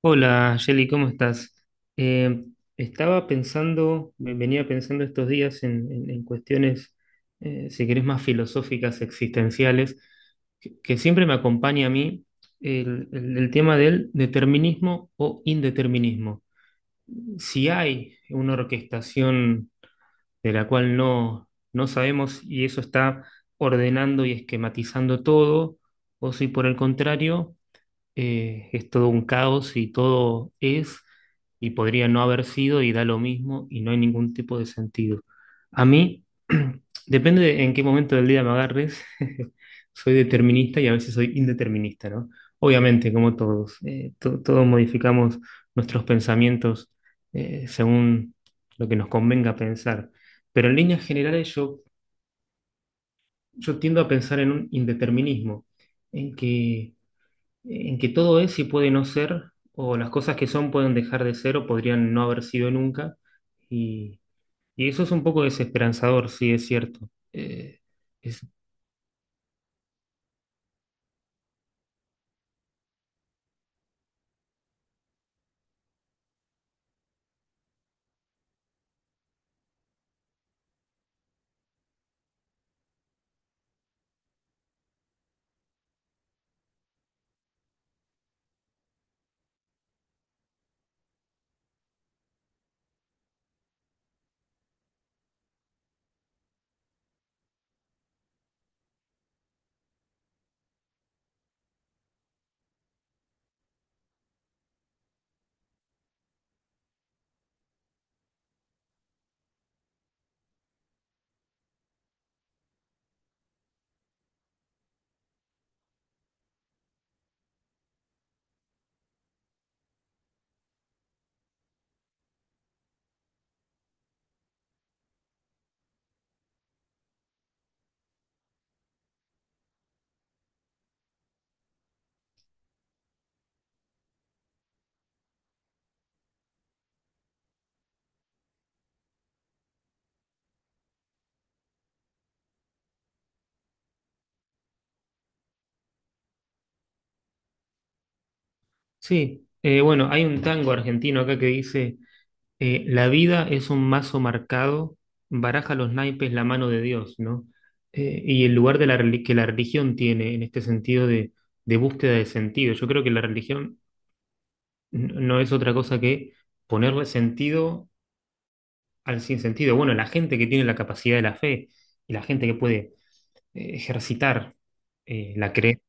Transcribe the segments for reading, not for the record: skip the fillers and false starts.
Hola, Jelly, ¿cómo estás? Eh, Estaba pensando, venía pensando estos días en cuestiones, si querés, más filosóficas, existenciales, que siempre me acompaña a mí el tema del determinismo o indeterminismo. Si hay una orquestación de la cual no sabemos y eso está ordenando y esquematizando todo, o si por el contrario es todo un caos y todo es y podría no haber sido y da lo mismo y no hay ningún tipo de sentido. A mí, depende de en qué momento del día me agarres, soy determinista y a veces soy indeterminista, ¿no? Obviamente, como todos, todos modificamos nuestros pensamientos según lo que nos convenga pensar. Pero en líneas generales yo tiendo a pensar en un indeterminismo, en que en que todo es y puede no ser, o las cosas que son pueden dejar de ser o podrían no haber sido nunca. Y, y eso es un poco desesperanzador, sí, es cierto. Es- sí. Bueno, hay un tango argentino acá que dice, la vida es un mazo marcado, baraja los naipes la mano de Dios, ¿no? Y el lugar de que la religión tiene en este sentido de búsqueda de sentido. Yo creo que la religión no es otra cosa que ponerle sentido al sinsentido. Bueno, la gente que tiene la capacidad de la fe y la gente que puede ejercitar la creencia,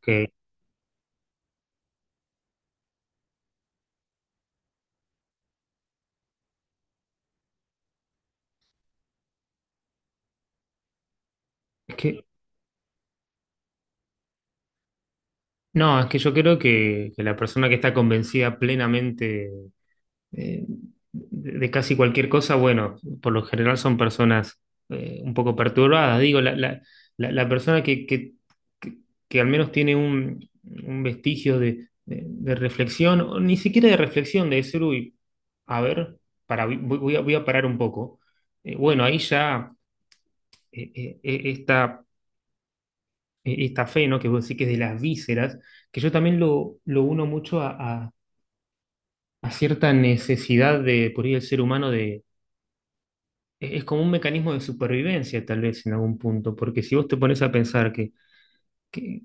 que, es que- no, es que yo creo que la persona que está convencida plenamente eh, de casi cualquier cosa, bueno, por lo general son personas un poco perturbadas. Digo, la persona que- que al menos tiene un vestigio de reflexión, o ni siquiera de reflexión, de decir, uy, a ver, para, voy a parar un poco. Bueno, ahí ya eh, eh, eh, esta, esta fe, ¿no? Que vos decís que es de las vísceras, que yo también lo uno mucho a, a- a cierta necesidad de, por ahí, del ser humano. Es como un mecanismo de supervivencia, tal vez, en algún punto, porque si vos te pones a pensar que,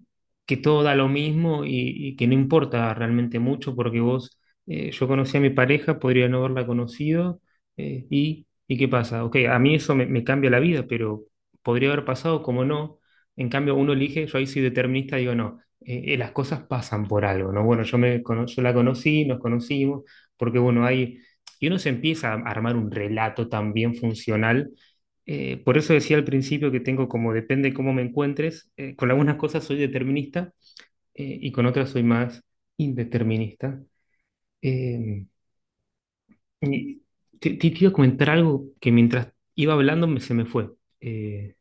que todo da lo mismo y que no importa realmente mucho, porque vos, yo conocí a mi pareja, podría no haberla conocido, ¿y qué pasa? Ok, a mí eso me cambia la vida, pero podría haber pasado como no. En cambio, uno elige, yo ahí soy determinista, digo, no, las cosas pasan por algo, ¿no? Bueno, yo la conocí, nos conocimos, porque bueno, hay... Y uno se empieza a armar un relato también funcional, por eso decía al principio que tengo como depende cómo me encuentres. Con algunas cosas soy determinista y con otras soy más indeterminista. Eh, y Te quiero comentar algo que mientras iba hablando se me fue. Eh,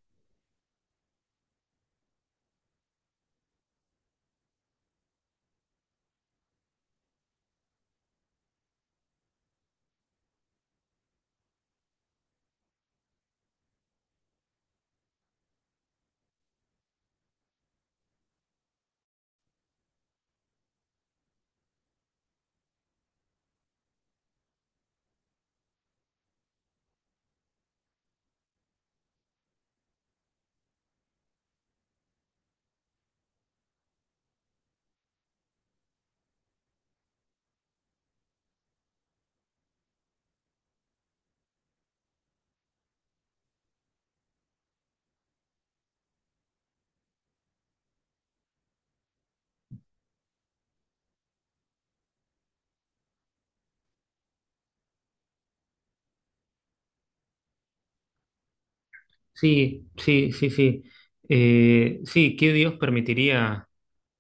sí, sí, sí, sí. Sí, ¿qué Dios permitiría?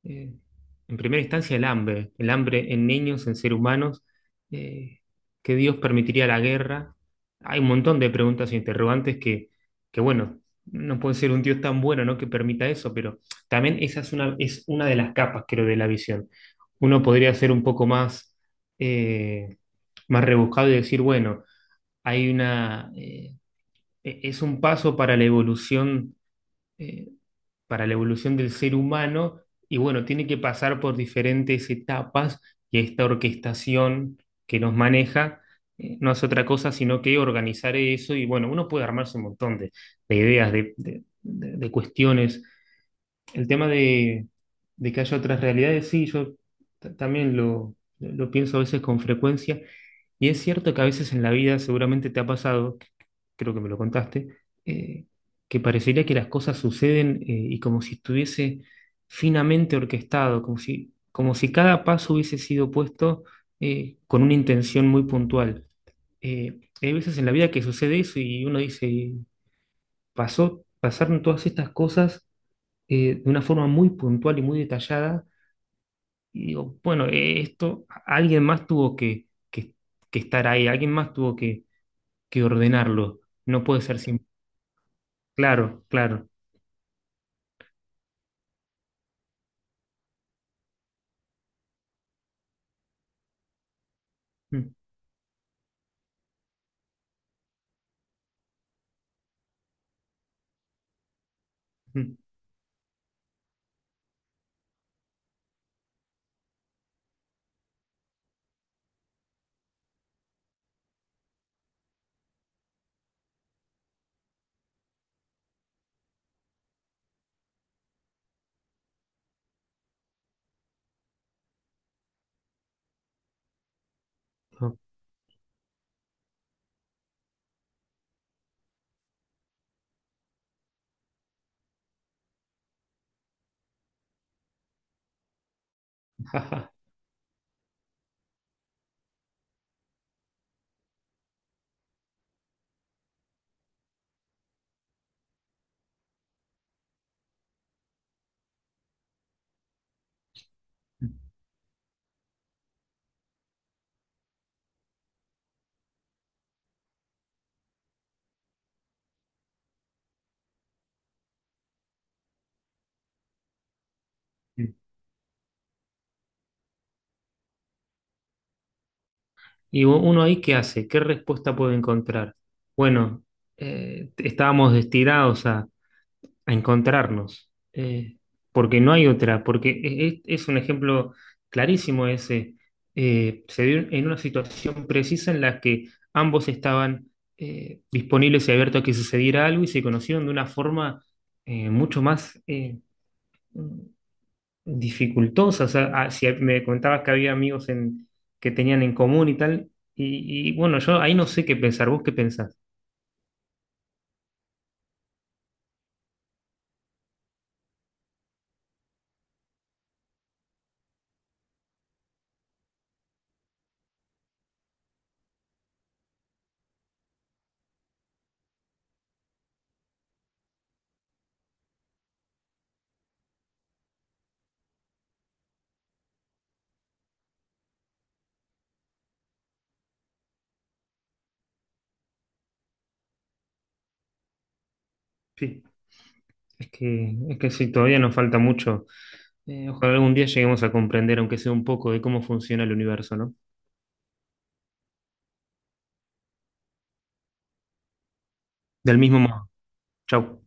eh, en primera instancia el hambre en niños, en seres humanos, eh, que Dios permitiría la guerra. Hay un montón de preguntas e interrogantes bueno, no puede ser un Dios tan bueno, ¿no? Que permita eso, pero también esa es es una de las capas, creo, de la visión. Uno podría ser un poco más, eh, más rebuscado y decir, bueno, hay es un paso para la evolución. eh, para la evolución del ser humano y bueno, tiene que pasar por diferentes etapas y esta orquestación que nos maneja no es otra cosa sino que organizar eso y bueno, uno puede armarse un montón de ideas, de cuestiones el tema de que haya otras realidades, sí, yo también lo pienso a veces con frecuencia. Y es cierto que a veces en la vida seguramente te ha pasado, creo que me lo contaste, eh, que parecería que las cosas suceden y como si estuviese finamente orquestado, como si cada paso hubiese sido puesto con una intención muy puntual. Hay veces en la vida que sucede eso y uno dice, pasó, pasaron todas estas cosas de una forma muy puntual y muy detallada. Y digo, bueno, esto alguien más tuvo que estar ahí, alguien más tuvo que ordenarlo. No puede ser simple. Claro, claro. Mm, mm, no. Y uno ahí, ¿qué hace? ¿Qué respuesta puede encontrar? Bueno, estábamos destinados a encontrarnos, porque no hay otra, porque es un ejemplo clarísimo ese. Se dio en una situación precisa en la que ambos estaban disponibles y abiertos a que sucediera algo y se conocieron de una forma mucho más dificultosa. O sea, ah, si me contabas que había amigos en, que tenían en común y tal, y bueno, yo ahí no sé qué pensar, ¿vos qué pensás? Sí, es que sí, todavía nos falta mucho. Ojalá algún día lleguemos a comprender, aunque sea un poco, de cómo funciona el universo, ¿no? Del mismo modo. Chau.